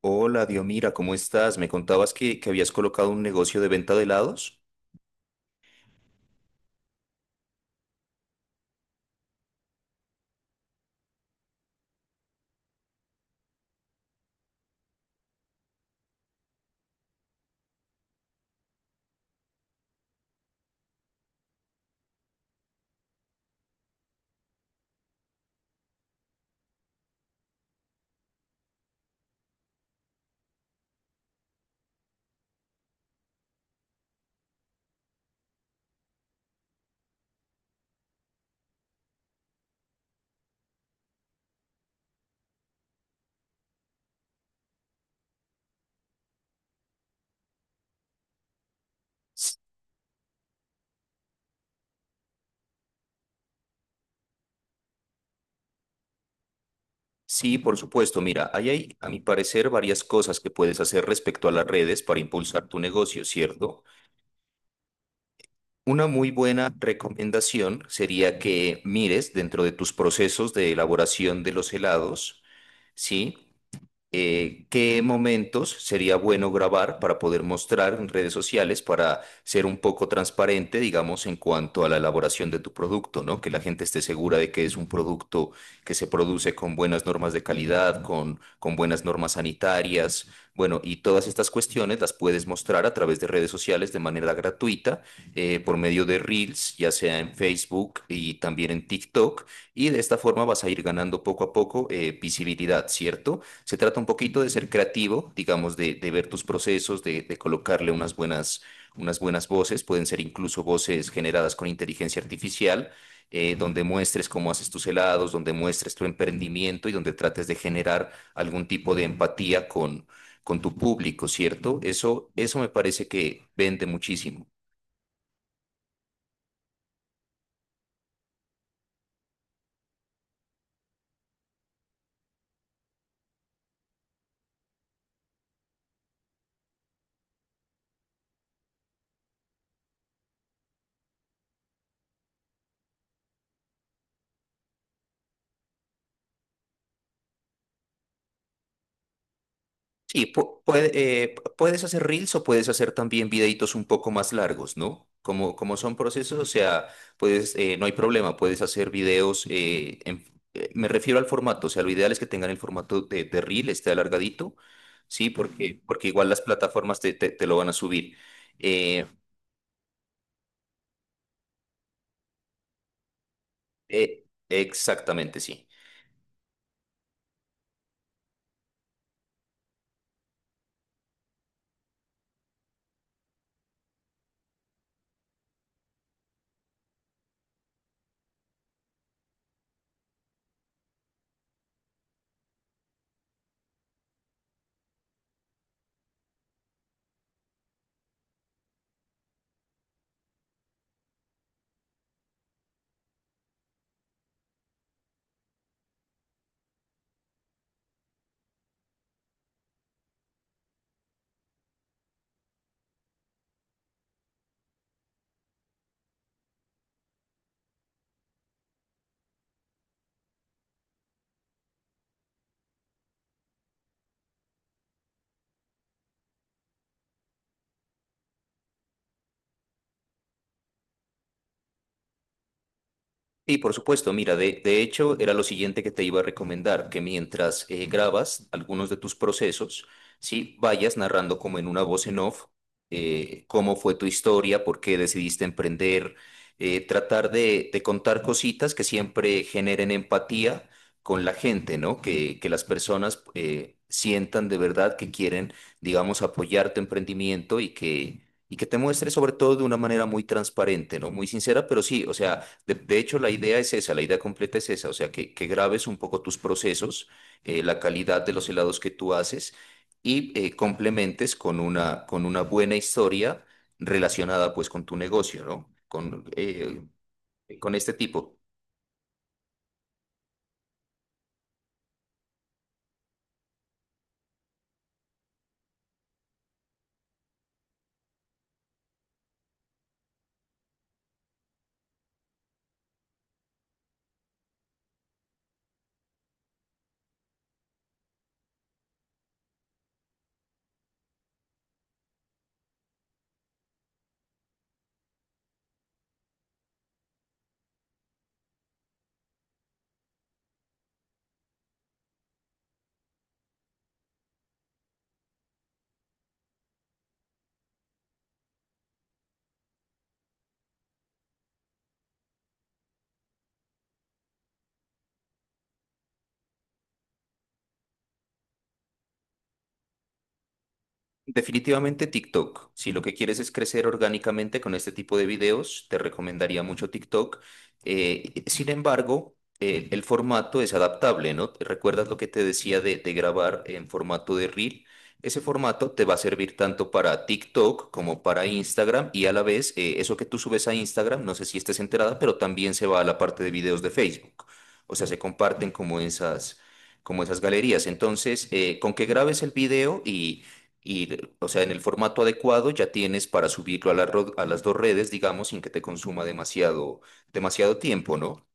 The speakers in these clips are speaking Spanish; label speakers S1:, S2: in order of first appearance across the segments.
S1: Hola, Diomira, ¿cómo estás? Me contabas que habías colocado un negocio de venta de helados. Sí, por supuesto. Mira, ahí hay, a mi parecer, varias cosas que puedes hacer respecto a las redes para impulsar tu negocio, ¿cierto? Una muy buena recomendación sería que mires dentro de tus procesos de elaboración de los helados, ¿sí? ¿Qué momentos sería bueno grabar para poder mostrar en redes sociales, para ser un poco transparente, digamos, en cuanto a la elaboración de tu producto, ¿no? Que la gente esté segura de que es un producto que se produce con buenas normas de calidad, con buenas normas sanitarias, bueno, y todas estas cuestiones las puedes mostrar a través de redes sociales de manera gratuita, por medio de Reels, ya sea en Facebook y también en TikTok, y de esta forma vas a ir ganando poco a poco visibilidad, ¿cierto? Se trata un poquito de ser creativo, digamos, de ver tus procesos, de colocarle unas buenas voces, pueden ser incluso voces generadas con inteligencia artificial, donde muestres cómo haces tus helados, donde muestres tu emprendimiento y donde trates de generar algún tipo de empatía con tu público, ¿cierto? Eso me parece que vende muchísimo. Sí, puedes hacer reels o puedes hacer también videitos un poco más largos, ¿no? Como, como son procesos, o sea, puedes, no hay problema, puedes hacer videos, me refiero al formato, o sea, lo ideal es que tengan el formato de reel, esté alargadito, ¿sí? Porque, porque igual las plataformas te lo van a subir. Eh, Exactamente, sí. Sí, por supuesto. Mira, de hecho era lo siguiente que te iba a recomendar, que mientras grabas algunos de tus procesos, sí, vayas narrando como en una voz en off cómo fue tu historia, por qué decidiste emprender, tratar de contar cositas que siempre generen empatía con la gente, ¿no? Que las personas sientan de verdad que quieren, digamos, apoyar tu emprendimiento y que te muestres sobre todo de una manera muy transparente, ¿no? Muy sincera, pero sí, o sea de hecho, la idea es esa, la idea completa es esa, o sea, que grabes un poco tus procesos, la calidad de los helados que tú haces y complementes con una buena historia relacionada pues con tu negocio, ¿no? Con este tipo. Definitivamente TikTok. Si lo que quieres es crecer orgánicamente con este tipo de videos, te recomendaría mucho TikTok. Sin embargo, el formato es adaptable, ¿no? ¿Recuerdas lo que te decía de grabar en formato de reel? Ese formato te va a servir tanto para TikTok como para Instagram y a la vez eso que tú subes a Instagram, no sé si estés enterada, pero también se va a la parte de videos de Facebook. O sea, se comparten como esas galerías. Entonces, con que grabes el video y, o sea, en el formato adecuado ya tienes para subirlo a la a las dos redes, digamos, sin que te consuma demasiado, demasiado tiempo, ¿no?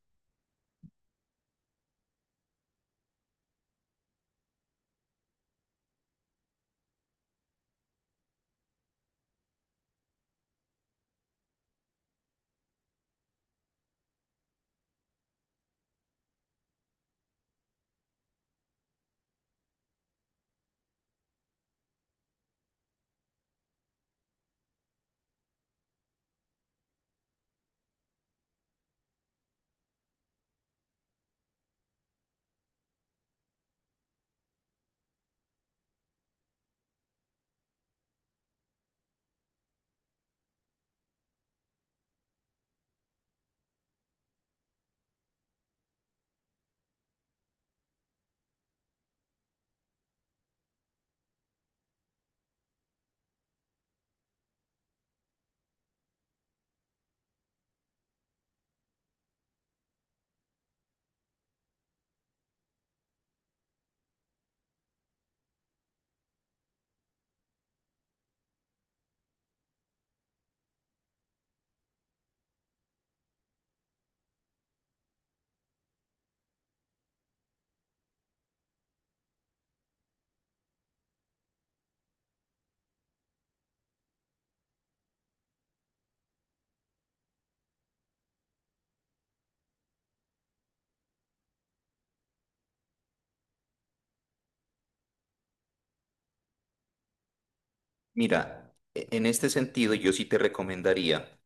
S1: Mira, en este sentido, yo sí te recomendaría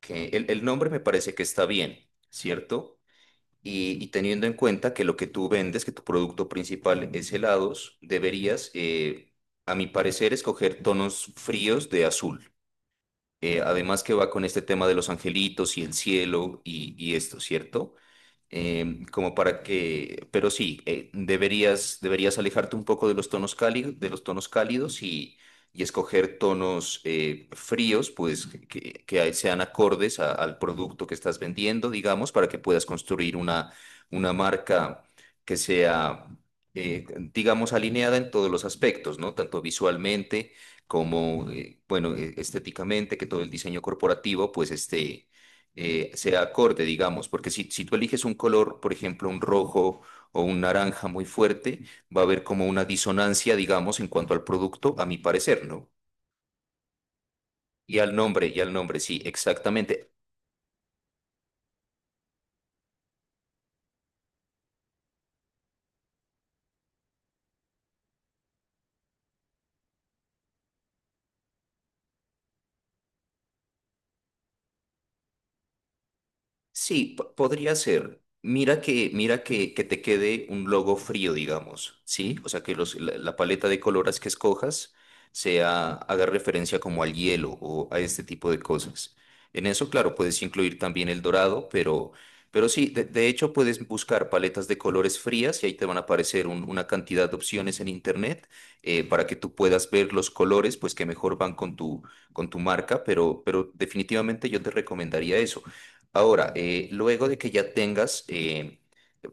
S1: que el nombre me parece que está bien, ¿cierto? Y teniendo en cuenta que lo que tú vendes, que tu producto principal es helados, deberías, a mi parecer, escoger tonos fríos de azul. Además, que va con este tema de los angelitos y el cielo y esto, ¿cierto? Como para que, pero sí, deberías, deberías alejarte un poco de los tonos cálidos, de los tonos cálidos y escoger tonos fríos, pues que, que sean acordes al producto que estás vendiendo, digamos, para que puedas construir una marca que sea, eh, digamos, alineada en todos los aspectos, ¿no? Tanto visualmente como, bueno, estéticamente, que todo el diseño corporativo, pues esté sea acorde, digamos, porque si, si tú eliges un color, por ejemplo, un rojo o un naranja muy fuerte, va a haber como una disonancia, digamos, en cuanto al producto, a mi parecer, ¿no? Y al nombre, sí, exactamente. Sí, podría ser. Mira que te quede un logo frío, digamos, ¿sí? O sea, que los, la paleta de colores que escojas sea, haga referencia como al hielo o a este tipo de cosas. En eso, claro, puedes incluir también el dorado, pero sí, de hecho puedes buscar paletas de colores frías y ahí te van a aparecer una cantidad de opciones en internet para que tú puedas ver los colores, pues que mejor van con tu marca, pero definitivamente yo te recomendaría eso. Ahora, luego de que ya tengas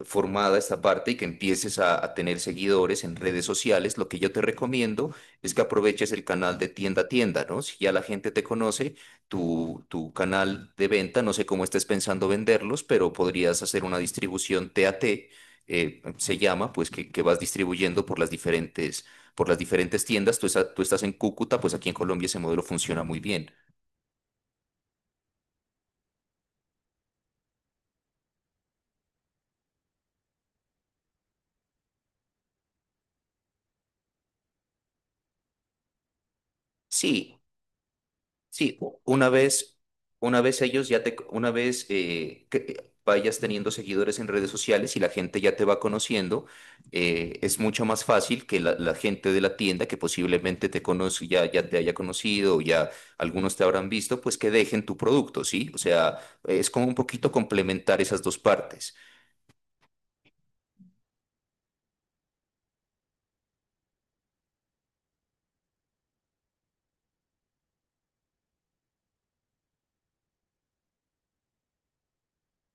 S1: formada esta parte y que empieces a tener seguidores en redes sociales, lo que yo te recomiendo es que aproveches el canal de tienda a tienda, ¿no? Si ya la gente te conoce, tu canal de venta, no sé cómo estés pensando venderlos, pero podrías hacer una distribución TAT, se llama, pues que vas distribuyendo por las diferentes tiendas. Tú, tú estás en Cúcuta, pues aquí en Colombia ese modelo funciona muy bien. Sí. Sí, una vez ellos ya te, una vez que vayas teniendo seguidores en redes sociales y la gente ya te va conociendo, es mucho más fácil que la gente de la tienda que posiblemente te conoce, ya, ya te haya conocido, o ya algunos te habrán visto, pues que dejen tu producto, ¿sí? O sea, es como un poquito complementar esas dos partes.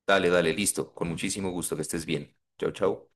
S1: Dale, dale, listo. Con muchísimo gusto. Que estés bien. Chao, chao.